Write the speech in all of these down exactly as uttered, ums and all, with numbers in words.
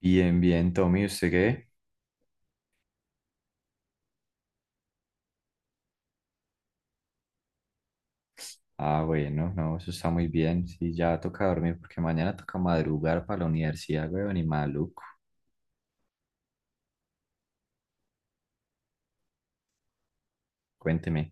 Bien, bien, Tommy, ¿usted qué? Ah, bueno, no, eso está muy bien. Sí, ya toca dormir porque mañana toca madrugar para la universidad, weón, y maluco. Cuénteme.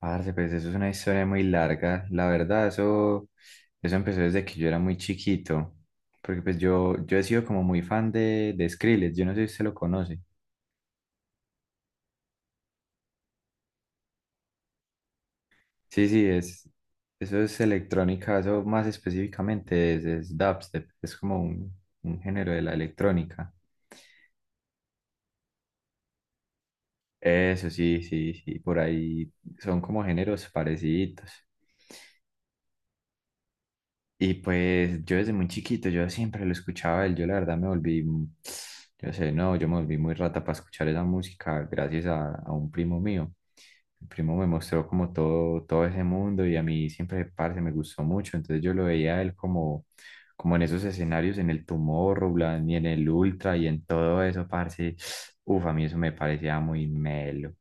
Parce, pues eso es una historia muy larga. La verdad, eso, eso empezó desde que yo era muy chiquito. Porque pues yo, yo he sido como muy fan de, de Skrillex, yo no sé si usted lo conoce. Sí, sí, es, eso es electrónica, eso más específicamente es, es dubstep, es como un, un género de la electrónica. Eso sí, sí, sí, por ahí son como géneros parecidos. Y pues yo desde muy chiquito, yo siempre lo escuchaba a él, yo la verdad me volví, mm, yo sé, no, yo me volví muy rata para escuchar esa música gracias a, a un primo mío. El primo me mostró como todo, todo ese mundo y a mí siempre, parce, me gustó mucho, entonces yo lo veía a él como, como en esos escenarios, en el Tomorrowland y en el Ultra y en todo eso, parce, uf, a mí eso me parecía muy melo.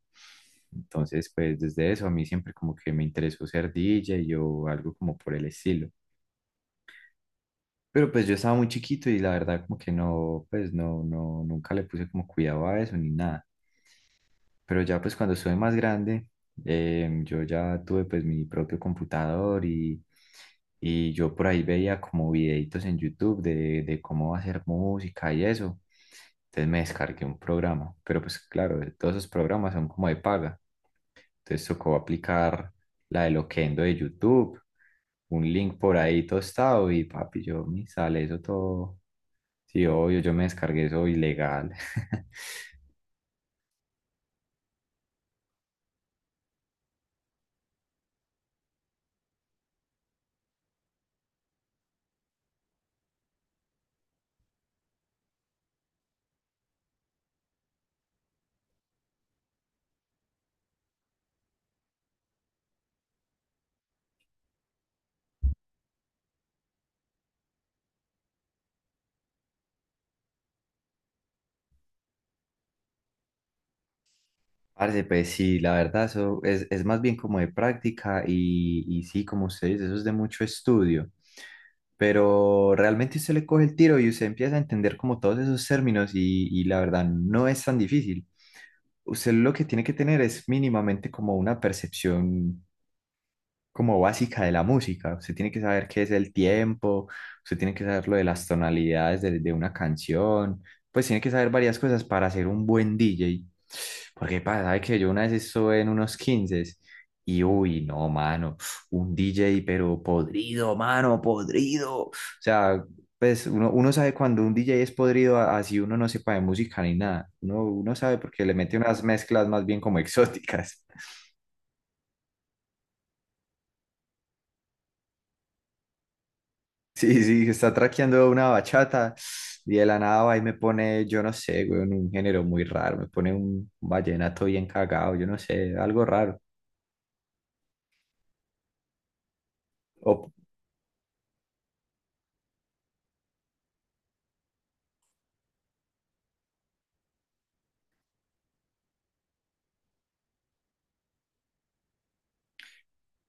Entonces, pues desde eso a mí siempre como que me interesó ser D J o algo como por el estilo. Pero pues yo estaba muy chiquito y la verdad como que no, pues no, no, nunca le puse como cuidado a eso ni nada. Pero ya pues cuando estuve más grande, em, yo ya tuve pues mi propio computador y, y yo por ahí veía como videitos en YouTube de, de cómo hacer música y eso. Entonces me descargué un programa, pero pues claro, eh, todos esos programas son como de paga. Entonces tocó aplicar la de Loquendo de YouTube, un link por ahí tostado y papi, yo me sale eso todo. Sí, obvio, yo me descargué eso ilegal. Parce, pues sí, la verdad, eso es, es más bien como de práctica y, y sí, como usted dice, eso es de mucho estudio, pero realmente usted le coge el tiro y usted empieza a entender como todos esos términos y, y la verdad no es tan difícil. Usted lo que tiene que tener es mínimamente como una percepción como básica de la música. Usted tiene que saber qué es el tiempo, usted tiene que saber lo de las tonalidades de, de una canción, pues tiene que saber varias cosas para ser un buen D J. Porque pasa, sabe que yo una vez estuve en unos quince y uy, no, mano, un D J pero podrido, mano, podrido. O sea, pues uno, uno sabe cuando un D J es podrido, a- así uno no sepa de música ni nada. Uno, uno sabe porque le mete unas mezclas más bien como exóticas. Sí, sí, está traqueando una bachata y de la nada va y me pone, yo no sé, güey, un género muy raro, me pone un vallenato bien cagado, yo no sé, algo raro. O,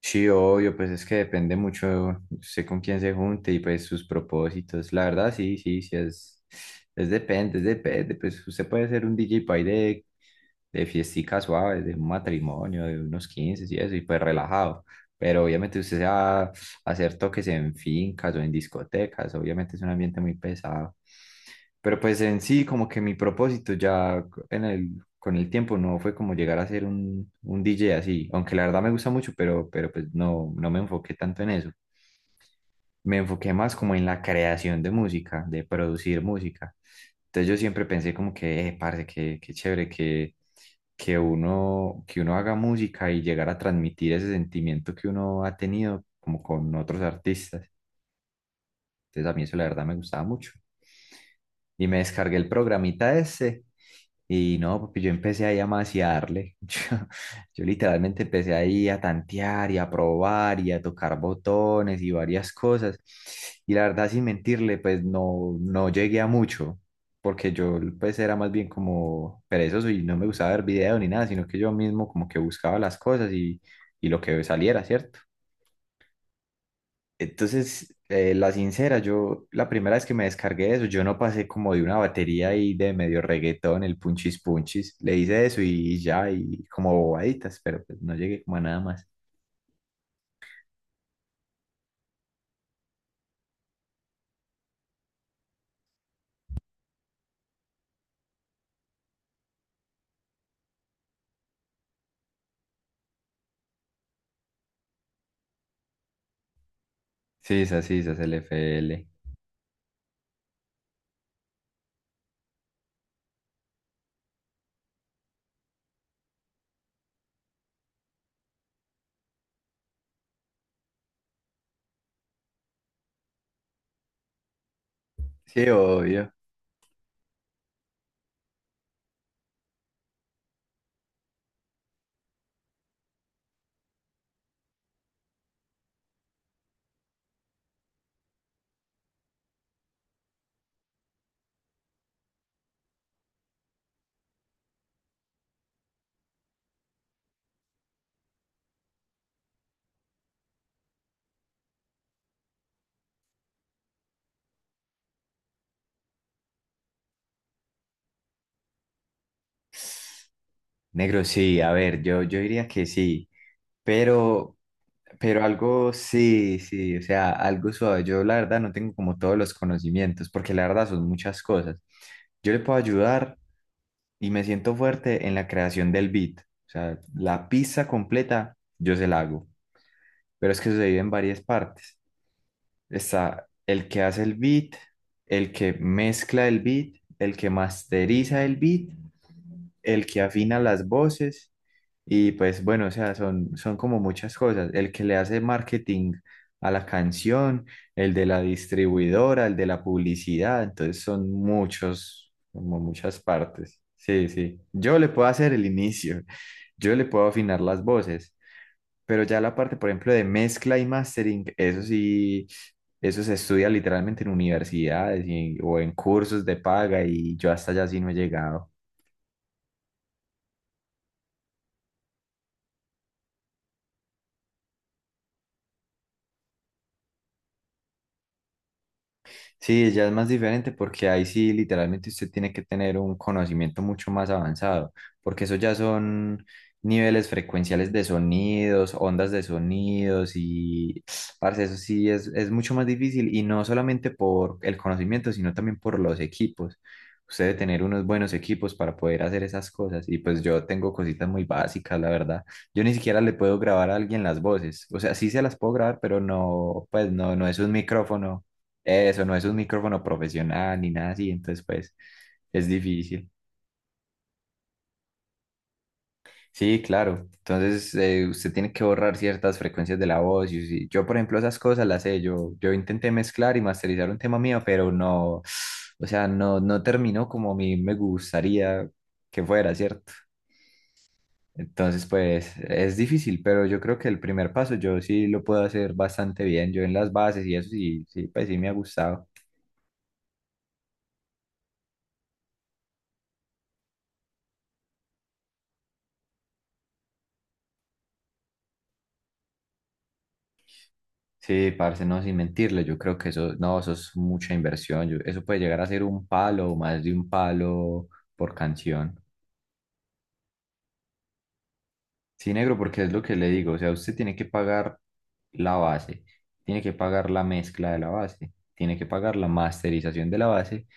sí, obvio, pues es que depende mucho, sé con quién se junte y pues sus propósitos. La verdad, sí, sí, sí, es, es depende, es depende, pues usted puede ser un D J de de fiestica suave, de un matrimonio, de unos quince y eso, y pues relajado. Pero obviamente usted se va a hacer toques en fincas o en discotecas, obviamente es un ambiente muy pesado. Pero pues en sí, como que mi propósito ya en el, con el tiempo no fue como llegar a ser un, un D J así, aunque la verdad me gusta mucho, pero, pero pues no, no me enfoqué tanto en eso, me enfoqué más como en la creación de música, de producir música. Entonces yo siempre pensé como que, eh, parce, qué, qué chévere que, que uno, que uno haga música y llegar a transmitir ese sentimiento que uno ha tenido como con otros artistas. Entonces a mí eso la verdad me gustaba mucho. Y me descargué el programita ese y no, porque yo empecé ahí a maciarle. Yo, yo literalmente empecé ahí a tantear y a probar y a tocar botones y varias cosas. Y la verdad, sin mentirle, pues no, no llegué a mucho, porque yo pues era más bien como perezoso y no me gustaba ver video ni nada, sino que yo mismo como que buscaba las cosas y, y lo que saliera, ¿cierto? Entonces, eh, la sincera, yo la primera vez que me descargué eso, yo no pasé como de una batería y de medio reggaetón, el punchis punchis. Le hice eso y ya, y como bobaditas, pero pues no llegué como a nada más. Sí, esa sí, esa es el F L. Sí, obvio. Negro, sí, a ver, yo, yo diría que sí, pero, pero algo sí, sí, o sea, algo suave. Yo la verdad no tengo como todos los conocimientos, porque la verdad son muchas cosas. Yo le puedo ayudar y me siento fuerte en la creación del beat. O sea, la pista completa yo se la hago, pero es que se divide en varias partes. Está el que hace el beat, el que mezcla el beat, el que masteriza el beat, el que afina las voces y pues bueno, o sea, son, son como muchas cosas. El que le hace marketing a la canción, el de la distribuidora, el de la publicidad, entonces son muchos, como muchas partes. Sí, sí. Yo le puedo hacer el inicio, yo le puedo afinar las voces, pero ya la parte, por ejemplo, de mezcla y mastering, eso sí. Eso se estudia literalmente en universidades y- o en cursos de paga y yo hasta allá sí no he llegado. Sí, ya es más diferente porque ahí sí literalmente usted tiene que tener un conocimiento mucho más avanzado, porque eso ya son niveles frecuenciales de sonidos, ondas de sonidos y, parce, eso sí es, es mucho más difícil y no solamente por el conocimiento, sino también por los equipos. Usted debe tener unos buenos equipos para poder hacer esas cosas y pues yo tengo cositas muy básicas, la verdad. Yo ni siquiera le puedo grabar a alguien las voces, o sea, sí se las puedo grabar, pero no, pues no, no es un micrófono, eso no es un micrófono profesional ni nada así, entonces pues es difícil. Sí, claro. Entonces eh, usted tiene que borrar ciertas frecuencias de la voz. Y sí, yo, por ejemplo, esas cosas las sé. Yo, yo intenté mezclar y masterizar un tema mío, pero no, o sea, no, no terminó como a mí me gustaría que fuera, ¿cierto? Entonces, pues es difícil, pero yo creo que el primer paso yo sí lo puedo hacer bastante bien. Yo en las bases y eso sí, sí, pues sí me ha gustado. Sí, parce, no, sin mentirle, yo creo que eso, no, eso es mucha inversión, yo- eso puede llegar a ser un palo o más de un palo por canción. Sí, negro, porque es lo que le digo, o sea, usted tiene que pagar la base, tiene que pagar la mezcla de la base, tiene que pagar la masterización de la base,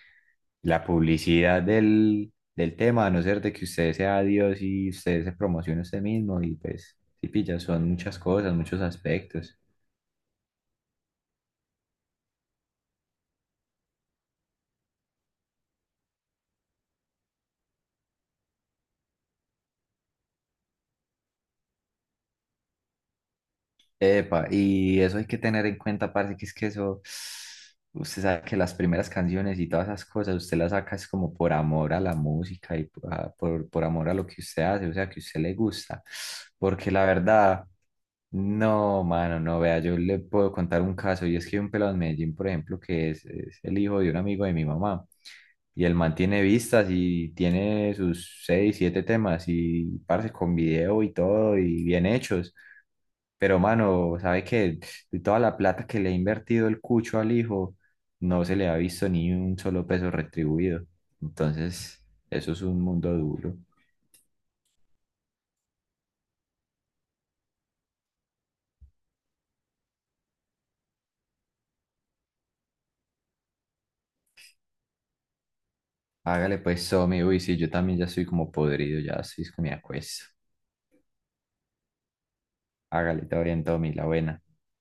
la publicidad del, del tema, a no ser de que usted sea Dios y usted se promocione usted mismo y pues, sí, pilla, son muchas cosas, muchos aspectos. Epa, y eso hay que tener en cuenta, parce, que es que eso, usted sabe que las primeras canciones y todas esas cosas, usted las saca es como por amor a la música y por, a- por, por amor a lo que usted hace, o sea, que a usted le gusta. Porque la verdad, no, mano, no, vea, yo le puedo contar un caso, y es que hay un pelado en Medellín, por ejemplo, que es, es el hijo de un amigo de mi mamá, y el man tiene vistas y tiene sus seis, siete temas, y parce, con video y todo, y bien hechos. Pero, mano, ¿sabes qué? De toda la plata que le ha invertido el cucho al hijo, no se le ha visto ni un solo peso retribuido. Entonces, eso es un mundo duro. Hágale pues, Tommy. Uy, sí, yo también ya estoy como podrido, ya estoy con mi acuesto. Hágale, te oriento, Tommy, la buena.